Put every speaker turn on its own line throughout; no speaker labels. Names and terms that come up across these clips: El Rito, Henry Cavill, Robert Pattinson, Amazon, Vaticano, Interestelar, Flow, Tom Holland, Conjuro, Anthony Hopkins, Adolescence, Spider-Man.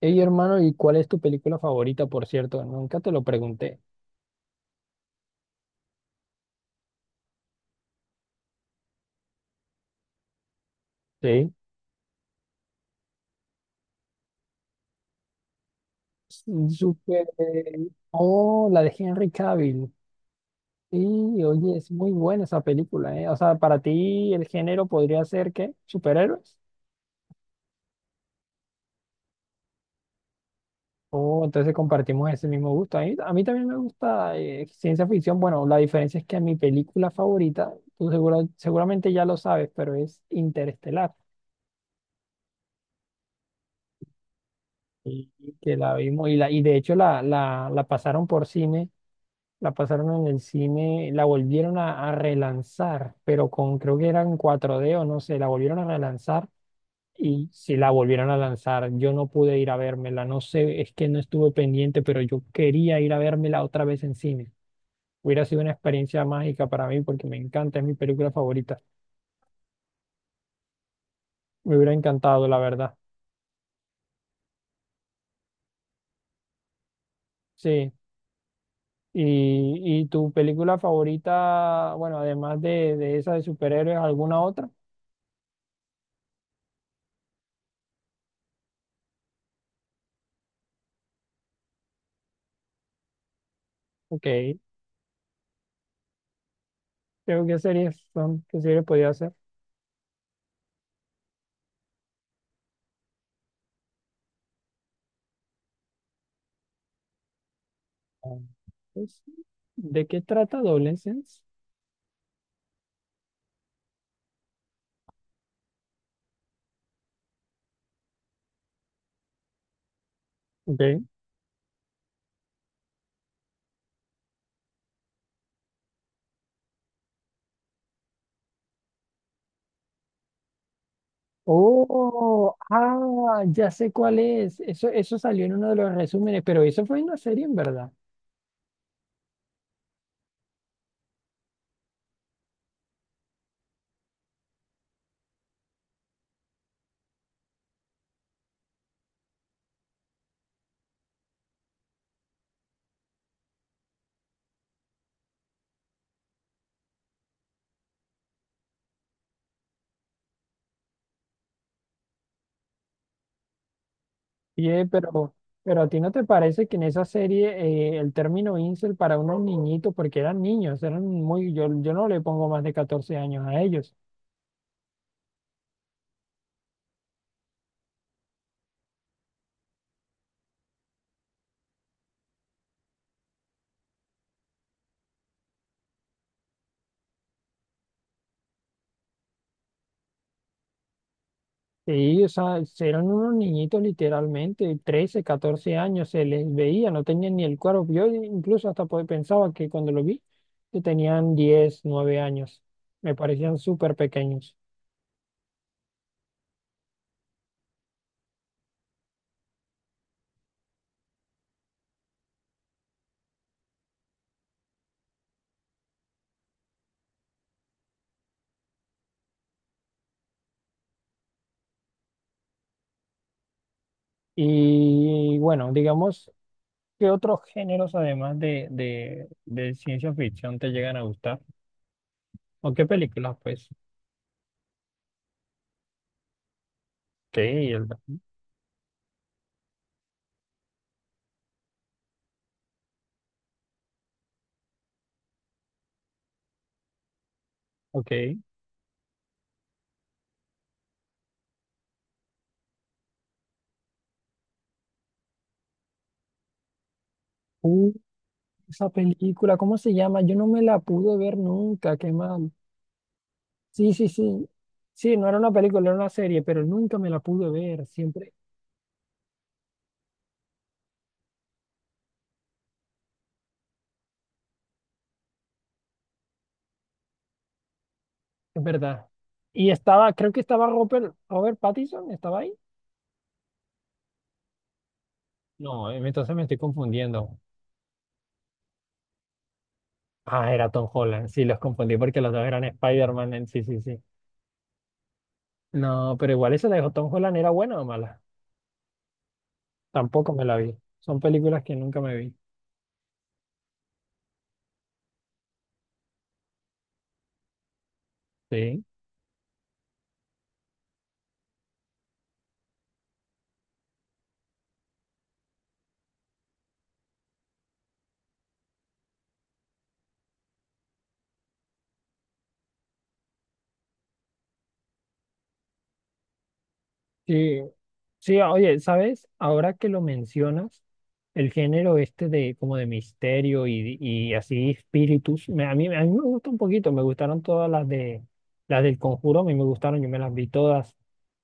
Hey hermano, ¿y cuál es tu película favorita, por cierto? Nunca te lo pregunté. Sí. Mm, Súper. Oh, la de Henry Cavill. Sí, oye, es muy buena esa película, ¿eh? O sea, para ti el género podría ser ¿qué? ¿Superhéroes? Oh, entonces compartimos ese mismo gusto. A mí también me gusta ciencia ficción. Bueno, la diferencia es que mi película favorita, tú seguramente ya lo sabes, pero es Interestelar. Y que la vimos y de hecho la pasaron por cine. La pasaron en el cine, la volvieron a relanzar, pero con creo que era en 4D o no sé, la volvieron a relanzar y si la volvieron a lanzar. Yo no pude ir a vérmela, no sé, es que no estuve pendiente, pero yo quería ir a vérmela otra vez en cine. Hubiera sido una experiencia mágica para mí porque me encanta, es mi película favorita. Me hubiera encantado, la verdad. Sí. ¿Y tu película favorita, bueno, de esa de superhéroes, ¿alguna otra? Ok, creo que series son, qué series podía hacer. Ah, pues, ¿de qué trata Adolescence? Ok. Oh, ah, ya sé cuál es. Eso salió en uno de los resúmenes, pero eso fue una serie en verdad. Oye, pero a ti no te parece que en esa serie el término incel para unos niñitos, porque eran niños, eran muy, yo no le pongo más de 14 años a ellos. Sí, o sea, eran unos niñitos literalmente, 13, 14 años, se les veía, no tenían ni el cuerpo. Yo incluso hasta pensaba que cuando lo vi, que tenían 10, 9 años. Me parecían súper pequeños. Y bueno, digamos, ¿qué otros géneros de ciencia ficción te llegan a gustar? ¿O qué películas, pues? Ok, el- ok. Uh, esa película, ¿cómo se llama? Yo no me la pude ver nunca, qué mal. Sí, sí, sí. Sí, no era una película, era una serie, pero nunca me la pude ver, siempre, es verdad. Y estaba, creo que estaba Robert Pattinson, ¿estaba ahí? No, entonces me estoy confundiendo. Ah, era Tom Holland, sí, los confundí porque los dos eran Spider-Man, sí, sí, sí. No, pero igual esa de Tom Holland, ¿era buena o mala? Tampoco me la vi. Son películas que nunca me vi. Sí. Sí, sí, oye, ¿sabes? Ahora que lo mencionas, el género este de como de misterio y así espíritus, a mí me gusta un poquito, me gustaron todas las de las del Conjuro, a mí me gustaron, yo me las vi todas.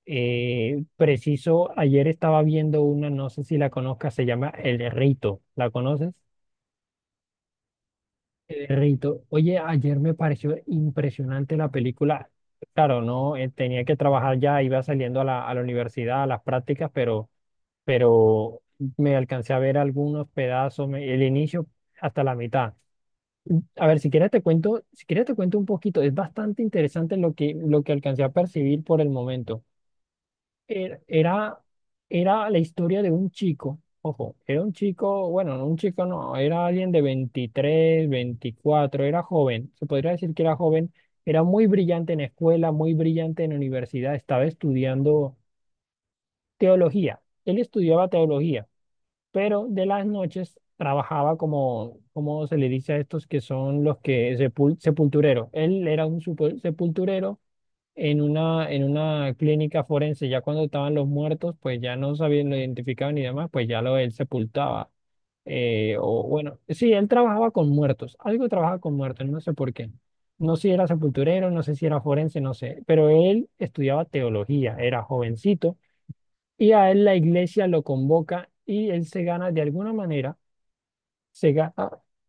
Preciso, ayer estaba viendo una, no sé si la conozcas, se llama El Rito, ¿la conoces? El Rito. Oye, ayer me pareció impresionante la película. Claro, no, tenía que trabajar ya, iba saliendo a la universidad, a las prácticas, pero pero me alcancé a ver algunos pedazos, el inicio hasta la mitad. A ver, si quieres te cuento un poquito, es bastante interesante lo que alcancé a percibir por el momento. Era, era, era la historia de un chico, ojo, era un chico, bueno, no un chico, no, era alguien de 23 veinticuatro, era joven, se podría decir que era joven, era muy brillante en escuela, muy brillante en universidad, estaba estudiando teología, él estudiaba teología, pero de las noches trabajaba como, como se le dice a estos que son los que sepultureros. Él era un sepulturero en una clínica forense. Ya cuando estaban los muertos, pues ya no sabían, lo identificaban y demás, pues ya lo él sepultaba. O bueno, sí, él trabajaba con muertos, algo trabajaba con muertos, no sé por qué. No sé si era sepulturero, no sé si era forense, no sé, pero él estudiaba teología, era jovencito y a él la iglesia lo convoca y él se gana de alguna manera se gana,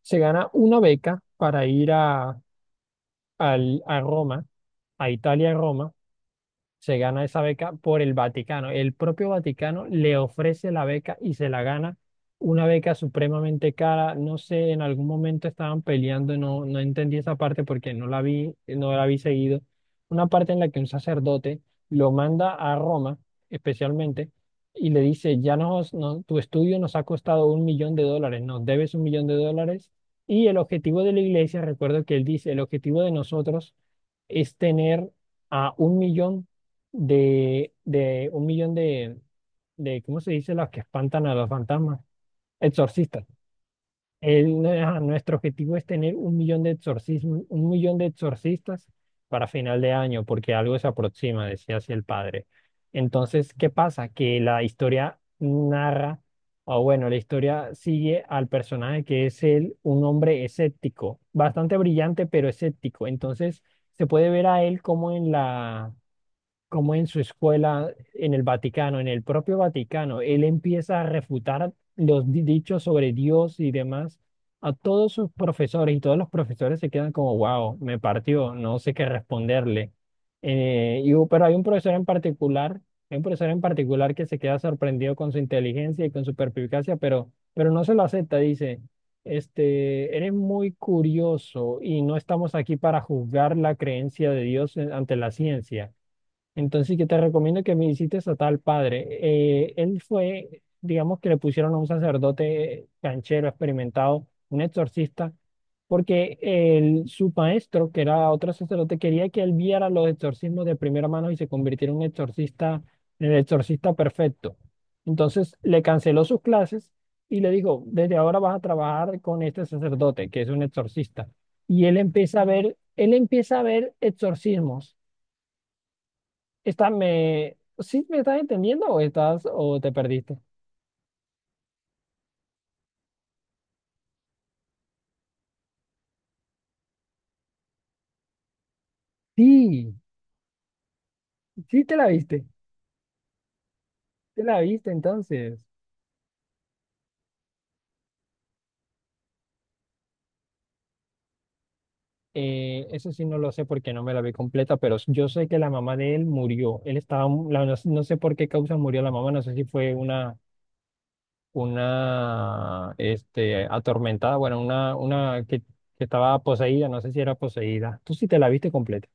se gana una beca para ir a Roma, a Italia, Roma, se gana esa beca por el Vaticano. El propio Vaticano le ofrece la beca y se la gana. Una beca supremamente cara. No sé, en algún momento estaban peleando, no, no entendí esa parte porque no la vi, no la vi seguido. Una parte en la que un sacerdote lo manda a Roma, especialmente, y le dice, ya nos, no, tu estudio nos ha costado un millón de dólares, nos debes un millón de dólares. Y el objetivo de la iglesia, recuerdo que él dice, el objetivo de nosotros es tener a un millón de, de un millón de, de ¿cómo se dice? Los que espantan a los fantasmas. Exorcistas. Ajá, nuestro objetivo es tener un millón de exorcismos, un millón de exorcistas para final de año, porque algo se aproxima, decía así el padre. Entonces, ¿qué pasa? Que la historia narra, o bueno, la historia sigue al personaje que es él, un hombre escéptico, bastante brillante, pero escéptico. Entonces, se puede ver a él como en la como en su escuela, en el Vaticano, en el propio Vaticano, él empieza a refutar los dichos sobre Dios y demás a todos sus profesores y todos los profesores se quedan como, wow, me partió, no sé qué responderle. Pero hay un profesor en particular, hay un profesor en particular que se queda sorprendido con su inteligencia y con su perspicacia, pero no se lo acepta, dice. Este, eres muy curioso y no estamos aquí para juzgar la creencia de Dios ante la ciencia. Entonces yo te recomiendo que visites a tal padre. Él fue, digamos que le pusieron a un sacerdote canchero, experimentado, un exorcista, porque su maestro, que era otro sacerdote, quería que él viera los exorcismos de primera mano y se convirtiera en un exorcista, en el exorcista perfecto. Entonces le canceló sus clases y le dijo, desde ahora vas a trabajar con este sacerdote, que es un exorcista. Y él empieza a ver, él empieza a ver exorcismos. Está, me, ¿sí me estás entendiendo o estás o te perdiste? Sí, sí te la viste entonces. Eso sí no lo sé porque no me la vi completa, pero yo sé que la mamá de él murió. Él estaba, no, no sé por qué causa murió la mamá, no sé si fue una este, atormentada, bueno, una que estaba poseída, no sé si era poseída. Tú sí te la viste completa.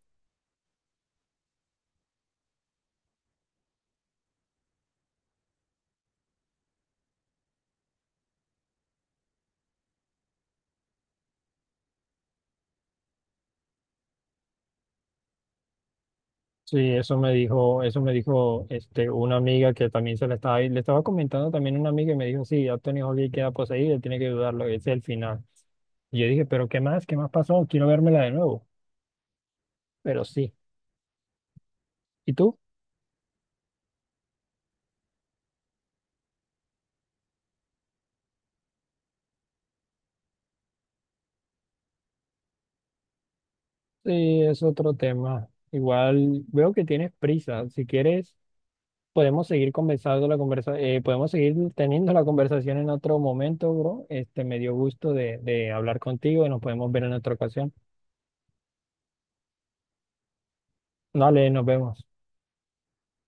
Sí, eso me dijo este, una amiga que también se le estaba comentando también una amiga y me dijo, sí, Anthony Hopkins queda poseído, tiene que dudarlo, ese es el final. Y yo dije, pero ¿qué más? ¿Qué más pasó? Quiero vérmela de nuevo. Pero sí. ¿Y tú? Sí, es otro tema. Igual veo que tienes prisa. Si quieres, podemos seguir conversando la conversa, podemos seguir teniendo la conversación en otro momento, bro. Este, me dio gusto de hablar contigo y nos podemos ver en otra ocasión. Dale, nos vemos.